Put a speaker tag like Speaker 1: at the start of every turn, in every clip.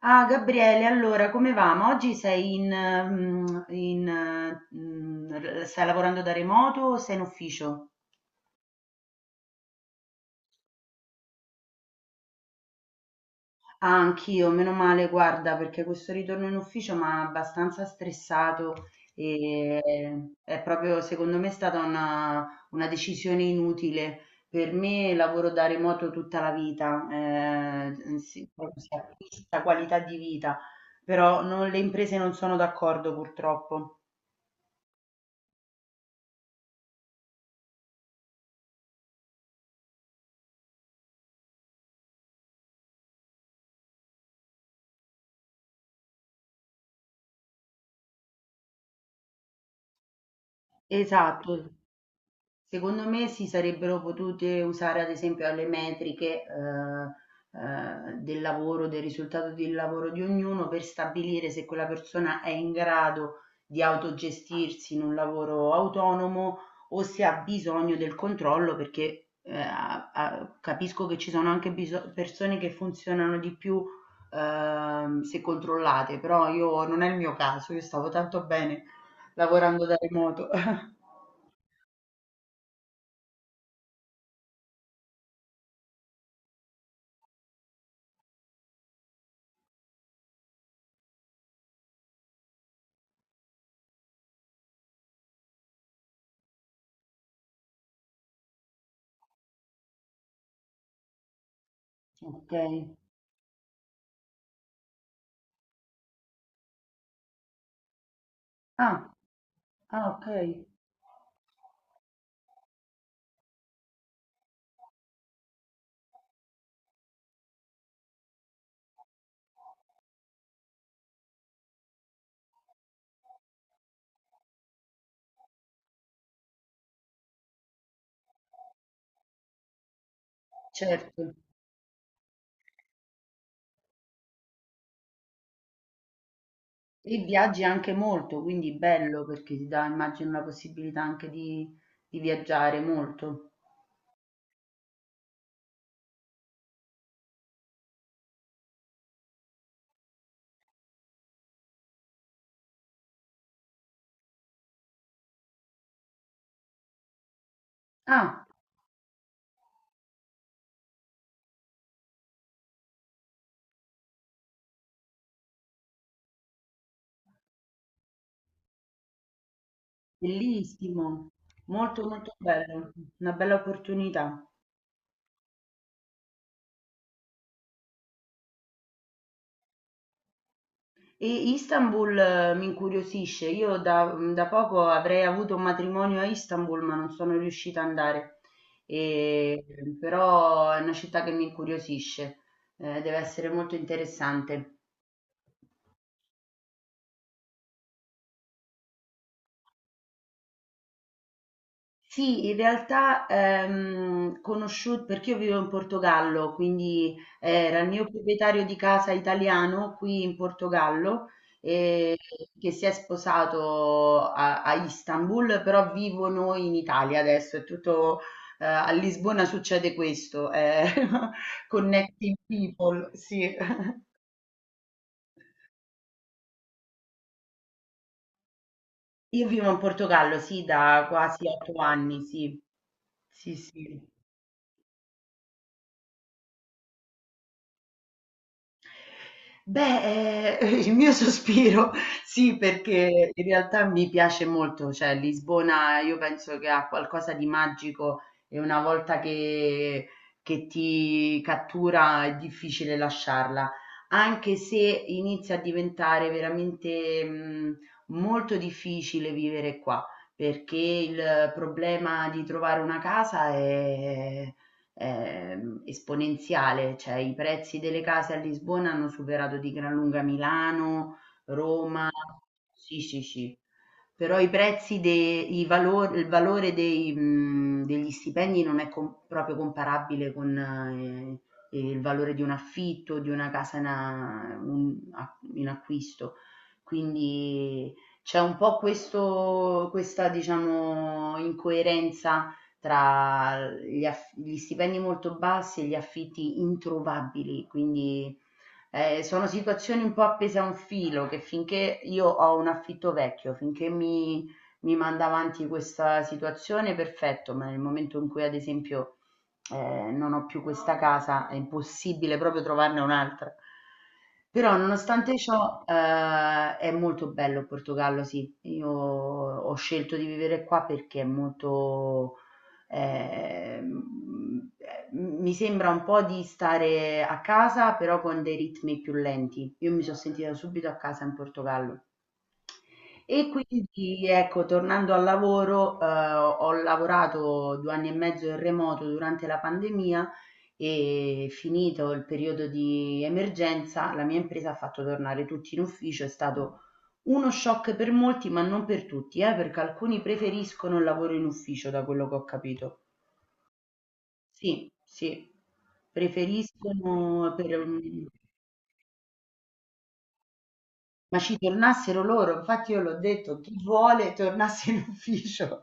Speaker 1: Ah, Gabriele, allora come va? Ma oggi sei in, in, mm, r- stai lavorando da remoto o sei in ufficio? Ah, anch'io, meno male, guarda, perché questo ritorno in ufficio mi ha abbastanza stressato e è proprio, secondo me, è stata una decisione inutile. Per me lavoro da remoto tutta la vita, si, proprio si acquista qualità di vita, però le imprese non sono d'accordo, purtroppo. Esatto. Secondo me si sarebbero potute usare ad esempio alle metriche, del lavoro, del risultato del lavoro di ognuno per stabilire se quella persona è in grado di autogestirsi in un lavoro autonomo o se ha bisogno del controllo perché capisco che ci sono anche persone che funzionano di più, se controllate, però io non è il mio caso, io stavo tanto bene lavorando da remoto. Ok. Ah. Ah, okay, certo. E viaggi anche molto, quindi bello perché ti dà, immagino, la possibilità anche di viaggiare molto. Ah, bellissimo, molto molto bello, una bella opportunità. E Istanbul mi incuriosisce, io da poco avrei avuto un matrimonio a Istanbul, ma non sono riuscita ad andare. E- Però è una città che mi incuriosisce. Deve essere molto interessante. Sì, in realtà, conosciu perché io vivo in Portogallo, quindi era il mio proprietario di casa italiano qui in Portogallo, eh, che si è sposato a Istanbul, però vivo noi in Italia adesso, è tutto, a Lisbona succede questo, connecting people, sì. Io vivo in Portogallo, sì, da quasi 8 anni, sì, sì, sì. Beh, il mio sospiro sì, perché in realtà mi piace molto, cioè Lisbona io penso che ha qualcosa di magico e una volta che ti cattura è difficile lasciarla, anche se inizia a diventare veramente molto difficile vivere qua, perché il problema di trovare una casa è esponenziale, cioè i prezzi delle case a Lisbona hanno superato di gran lunga Milano, Roma. Sì, sì, sì. Però i prezzi, il valore degli stipendi non è proprio comparabile con il valore di un affitto, di una casa in acquisto. Quindi c'è un po' questa, diciamo, incoerenza tra gli stipendi molto bassi e gli affitti introvabili, quindi sono situazioni un po' appese a un filo che finché io ho un affitto vecchio, finché mi manda avanti questa situazione, perfetto, ma nel momento in cui ad esempio non ho più questa casa, è impossibile proprio trovarne un'altra. Però nonostante ciò, è molto bello il Portogallo, sì. Io ho scelto di vivere qua perché è molto. Ehm, Mi sembra un po' di stare a casa, però con dei ritmi più lenti. Io mi sono sentita subito a casa in Portogallo. E quindi, ecco, tornando al lavoro, ho lavorato 2 anni e mezzo in remoto durante la pandemia e finito il periodo di emergenza, la mia impresa ha fatto tornare tutti in ufficio. È stato uno shock per molti, ma non per tutti, perché alcuni preferiscono il lavoro in ufficio, da quello che ho capito. Sì, sì, preferiscono per . Ma ci tornassero loro, infatti io l'ho detto: "Chi vuole tornasse in ufficio".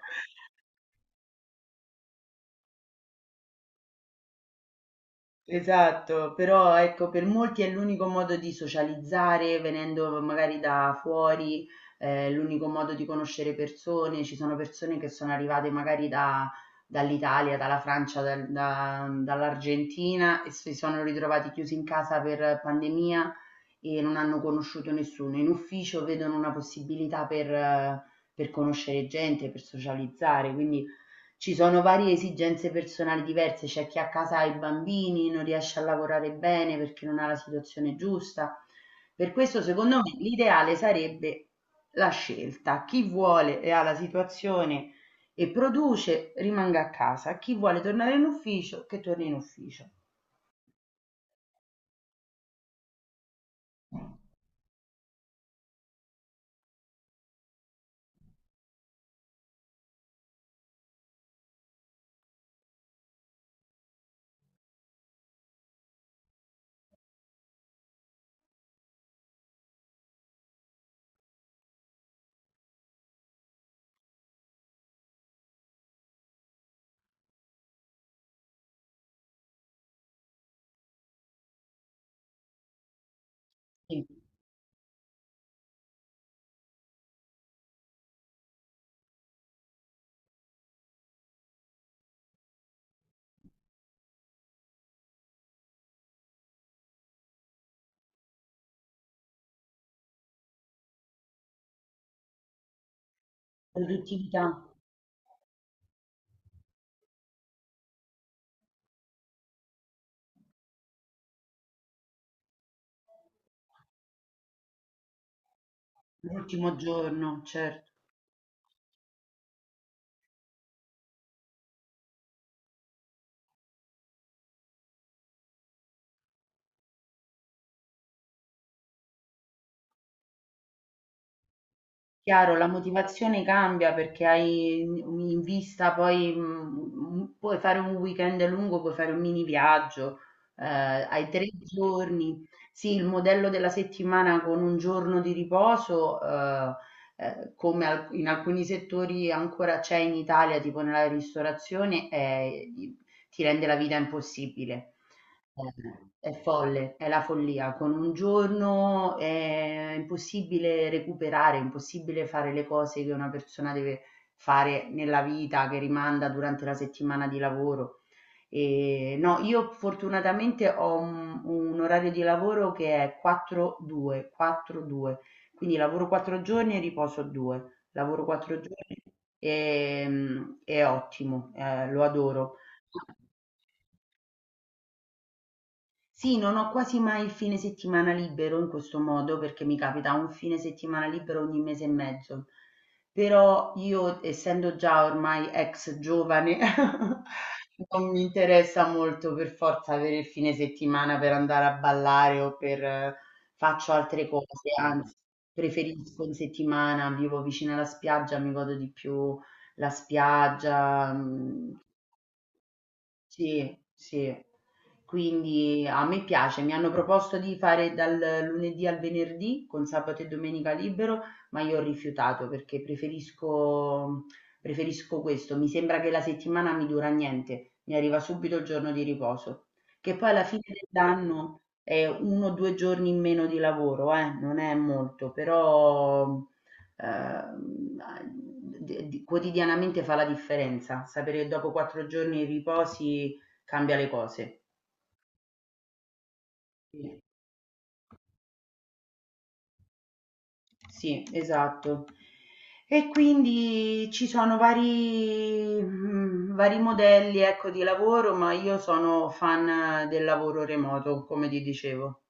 Speaker 1: Esatto, però ecco, per molti è l'unico modo di socializzare, venendo magari da fuori, l'unico modo di conoscere persone. Ci sono persone che sono arrivate magari dall'Italia, dalla Francia, dall'Argentina e si sono ritrovati chiusi in casa per pandemia e non hanno conosciuto nessuno. In ufficio vedono una possibilità per conoscere gente, per socializzare, quindi ci sono varie esigenze personali diverse, c'è chi a casa ha i bambini, non riesce a lavorare bene perché non ha la situazione giusta. Per questo, secondo me, l'ideale sarebbe la scelta. Chi vuole e ha la situazione e produce, rimanga a casa. Chi vuole tornare in ufficio, che torni in ufficio. Sì. Produttività. L'ultimo giorno, certo. Chiaro, la motivazione cambia perché hai in vista poi, puoi fare un weekend lungo, puoi fare un mini viaggio, hai 3 giorni. Sì, il modello della settimana con un giorno di riposo, come al in alcuni settori ancora c'è in Italia, tipo nella ristorazione, i ti rende la vita impossibile. È folle, è la follia. Con un giorno è impossibile recuperare, è impossibile fare le cose che una persona deve fare nella vita, che rimanda durante la settimana di lavoro. E, no, io fortunatamente ho un orario di lavoro che è 4-2, 4-2, quindi lavoro 4 giorni e riposo 2, lavoro 4 giorni e, è ottimo, lo adoro. Sì, non ho quasi mai il fine settimana libero in questo modo, perché mi capita un fine settimana libero ogni mese e mezzo. Però io, essendo già ormai ex giovane, non mi interessa molto per forza avere il fine settimana per andare a ballare o per faccio altre cose, anzi, preferisco in settimana, vivo vicino alla spiaggia, mi godo di più la spiaggia. Mm, sì, sì. Quindi a me piace, mi hanno proposto di fare dal lunedì al venerdì con sabato e domenica libero, ma io ho rifiutato perché preferisco, preferisco questo. Mi sembra che la settimana mi dura niente, mi arriva subito il giorno di riposo, che poi alla fine dell'anno è 1 o 2 giorni in meno di lavoro, non è molto, però quotidianamente fa la differenza, sapere che dopo 4 giorni di riposi cambia le cose. Sì. Sì, esatto. E quindi ci sono vari modelli, ecco, di lavoro, ma io sono fan del lavoro remoto, come ti dicevo.